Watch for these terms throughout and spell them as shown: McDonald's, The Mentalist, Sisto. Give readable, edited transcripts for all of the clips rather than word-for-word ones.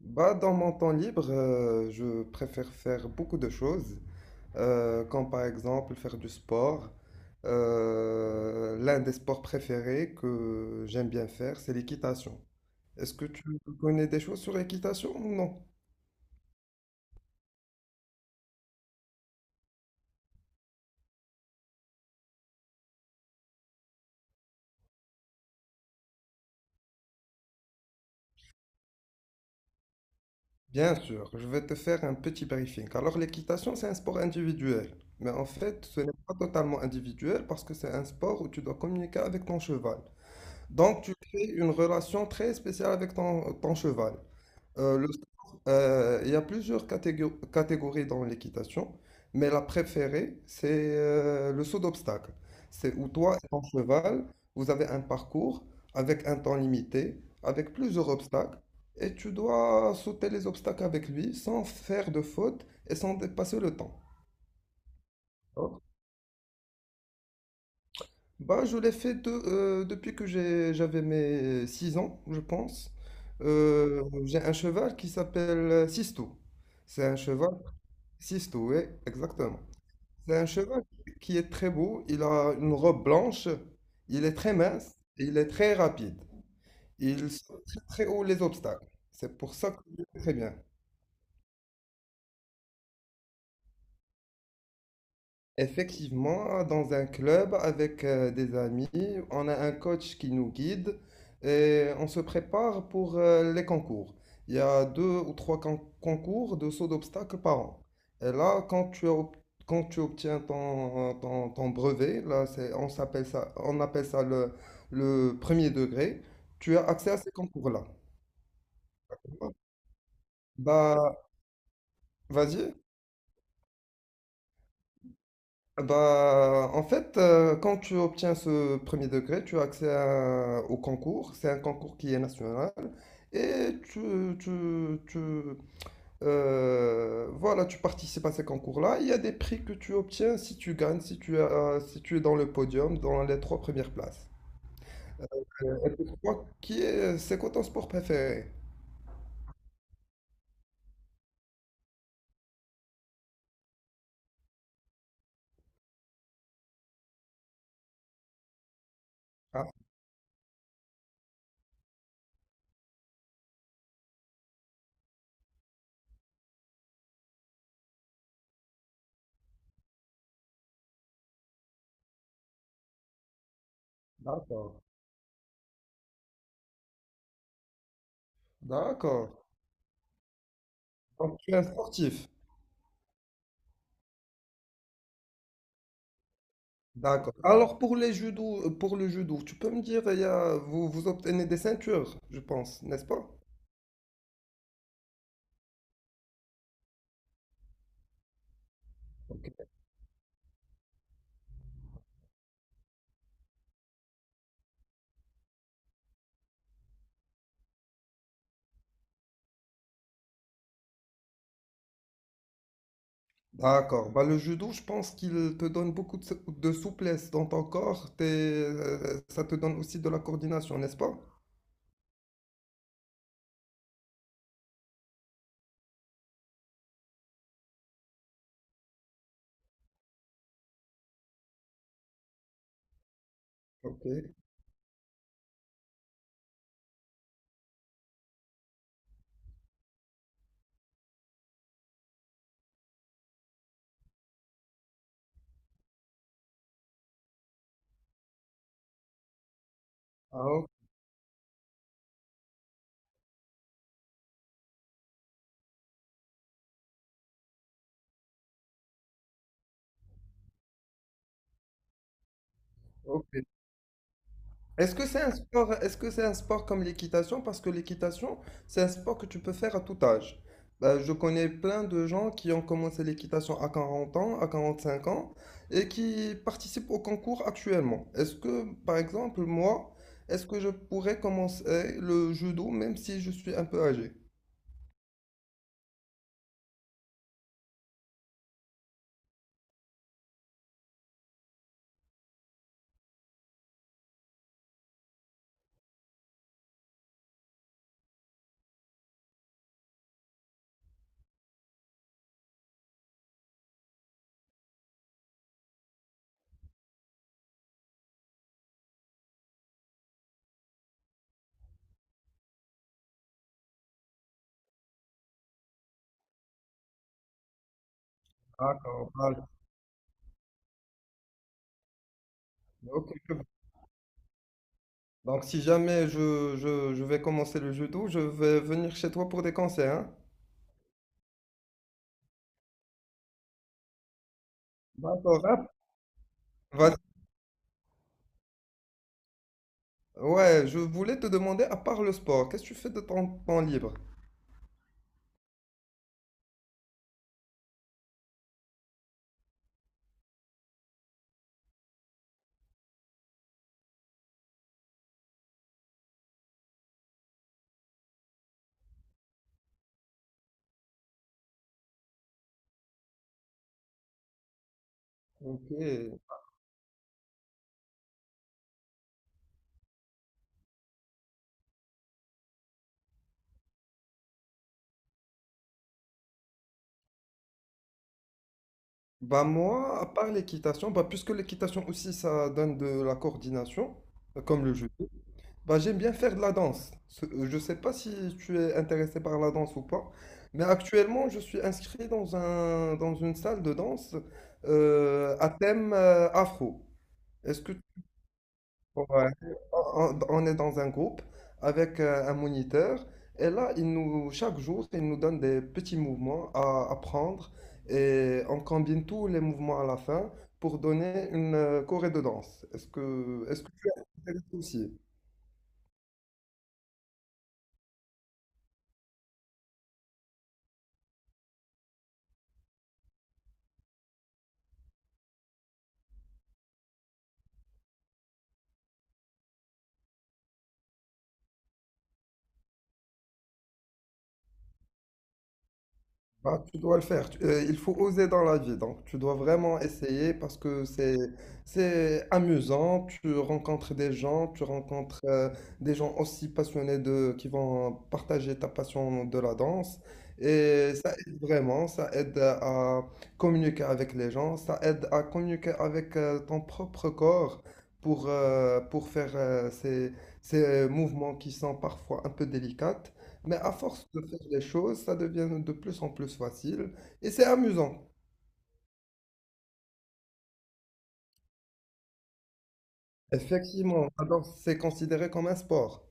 Bah, dans mon temps libre, je préfère faire beaucoup de choses, comme par exemple faire du sport. L'un des sports préférés que j'aime bien faire, c'est l'équitation. Est-ce que tu connais des choses sur l'équitation ou non? Bien sûr, je vais te faire un petit briefing. Alors, l'équitation, c'est un sport individuel. Mais en fait, ce n'est pas totalement individuel parce que c'est un sport où tu dois communiquer avec ton cheval. Donc, tu crées une relation très spéciale avec ton cheval. Le sport, il y a plusieurs catégories dans l'équitation, mais la préférée, c'est le saut d'obstacle. C'est où toi et ton cheval, vous avez un parcours avec un temps limité, avec plusieurs obstacles, et tu dois sauter les obstacles avec lui sans faire de faute et sans dépasser le temps. D'accord. Bah, je l'ai fait depuis que j'avais mes 6 ans, je pense. J'ai un cheval qui s'appelle Sisto. C'est un cheval Sisto, oui, exactement. C'est un cheval qui est très beau, il a une robe blanche, il est très mince et il est très rapide. Il saute très très haut les obstacles. C'est pour ça que je le fais très bien. Effectivement, dans un club avec des amis, on a un coach qui nous guide et on se prépare pour les concours. Il y a deux ou trois concours de saut d'obstacles par an. Et là, quand tu obtiens ton brevet, là, c'est, on s'appelle ça, on appelle ça le premier degré, tu as accès à ces concours-là. Bah, vas-y. Ah, bah, en fait, quand tu obtiens ce premier degré, tu as accès au concours. C'est un concours qui est national. Et voilà, tu participes à ces concours-là. Il y a des prix que tu obtiens si tu gagnes, si tu as, si tu es dans le podium, dans les trois premières places. Et pour toi, c'est quoi ton sport préféré? Ah, d'accord. D'accord. Donc, tu es un sportif. D'accord. Alors pour le judo, tu peux me dire, vous, vous obtenez des ceintures, je pense, n'est-ce pas? D'accord. Bah, le judo, je pense qu'il te donne beaucoup de, de souplesse dans ton corps. Ça te donne aussi de la coordination, n'est-ce pas? Ok. Ah, ok. Est-ce que c'est un sport, est-ce que c'est un sport comme l'équitation? Parce que l'équitation, c'est un sport que tu peux faire à tout âge. Bah, je connais plein de gens qui ont commencé l'équitation à 40 ans, à 45 ans, et qui participent au concours actuellement. Est-ce que, par exemple, moi, est-ce que je pourrais commencer le judo même si je suis un peu âgé? D'accord, voilà. Ok, je vois. Donc, si jamais je vais commencer le judo, je vais venir chez toi pour des conseils, hein? D'accord, hein. Vas-y. Ouais, je voulais te demander, à part le sport, qu'est-ce que tu fais de ton temps libre? Ok. Bah moi, à part l'équitation, bah puisque l'équitation aussi ça donne de la coordination, comme le judo, bah j'aime bien faire de la danse. Je sais pas si tu es intéressé par la danse ou pas, mais actuellement je suis inscrit dans un dans une salle de danse à thème afro. Est-ce que Ouais. On est dans un groupe avec un moniteur et là, il nous, chaque jour, il nous donne des petits mouvements à apprendre et on combine tous les mouvements à la fin pour donner une choré de danse. Est-ce que tu as aussi? Bah, tu dois le faire. Il faut oser dans la vie. Donc, tu dois vraiment essayer parce que c'est amusant. Tu rencontres des gens, tu rencontres des gens aussi passionnés de qui vont partager ta passion de la danse. Et ça aide vraiment. Ça aide à à communiquer avec les gens. Ça aide à communiquer avec ton propre corps pour faire ces mouvements qui sont parfois un peu délicats. Mais à force de faire les choses, ça devient de plus en plus facile et c'est amusant. Effectivement, alors c'est considéré comme un sport.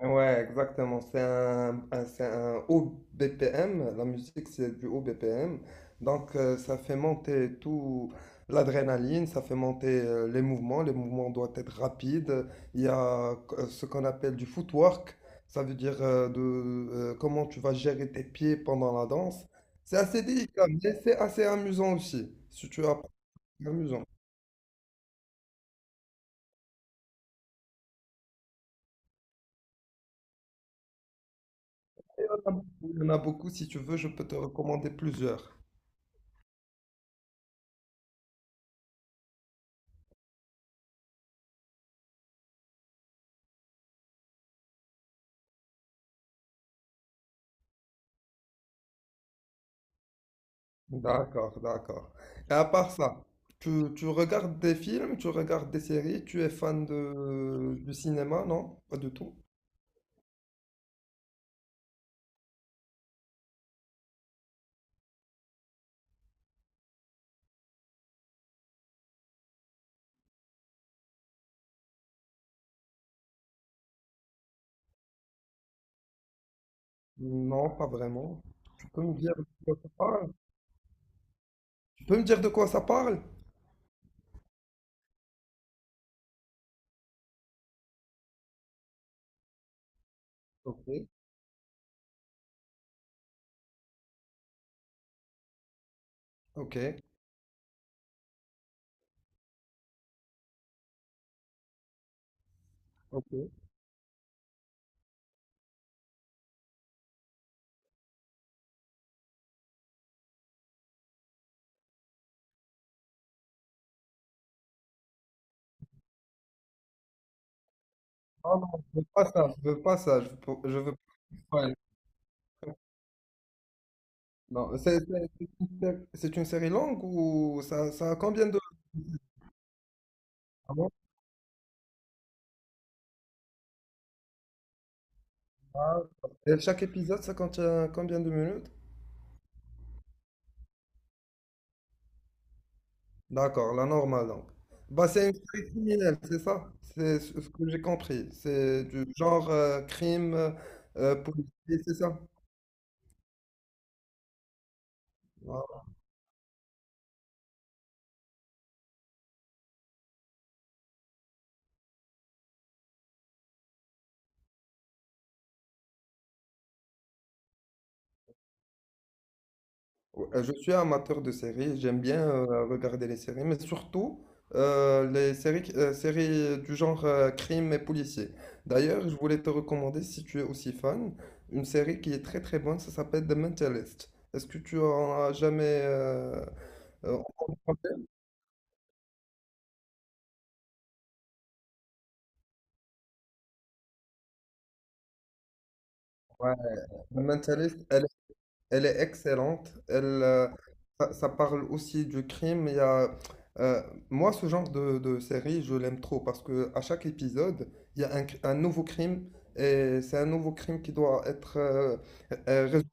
Ouais, exactement. C'est un haut BPM. La musique, c'est du haut BPM. Donc, ça fait monter tout l'adrénaline, ça fait monter les mouvements. Les mouvements doivent être rapides. Il y a ce qu'on appelle du footwork. Ça veut dire comment tu vas gérer tes pieds pendant la danse. C'est assez délicat, mais c'est assez amusant aussi. Si tu apprends, c'est amusant. Il y en a beaucoup, il y en a beaucoup. Si tu veux, je peux te recommander plusieurs. D'accord, d'accord. Et à part ça, tu regardes des films, tu regardes des séries, tu es fan de, du cinéma, non? Pas du tout? Non, pas vraiment. Tu peux me dire de quoi ça parle? Tu peux me dire de quoi ça parle? Ok, ok, ok. Ah non, je veux pas ça, je veux pas ça, je veux pas. Ouais. Non, c'est une série longue ou ça a combien de... Ah bon? Ah, Et chaque épisode, ça contient combien de minutes? D'accord, la normale donc. Bah, c'est une série criminelle, c'est ça? C'est ce que j'ai compris. C'est du genre crime policier, c'est ça? Voilà. Ouais, je suis amateur de séries, j'aime bien regarder les séries, mais surtout les séries, séries du genre crime et policier. D'ailleurs, je voulais te recommander, si tu es aussi fan, une série qui est très très bonne, ça s'appelle The Mentalist. Est-ce que tu en as jamais entendu parler? Ouais, The Mentalist. Elle est excellente. Elle, ça, ça parle aussi du crime. Il y a, euh, moi, ce genre de série, je l'aime trop parce que à chaque épisode, il y a un nouveau crime et c'est un nouveau crime qui doit être résolu.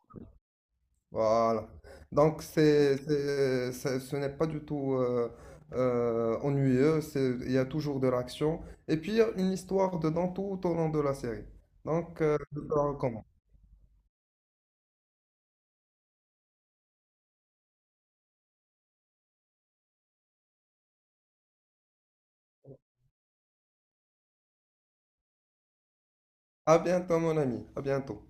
Voilà. Donc, c'est- ce n'est pas du tout ennuyeux. Il y a toujours de l'action. Et puis, il y a une histoire dedans tout au long de la série. Donc, je te la recommande. À bientôt, mon ami. À bientôt.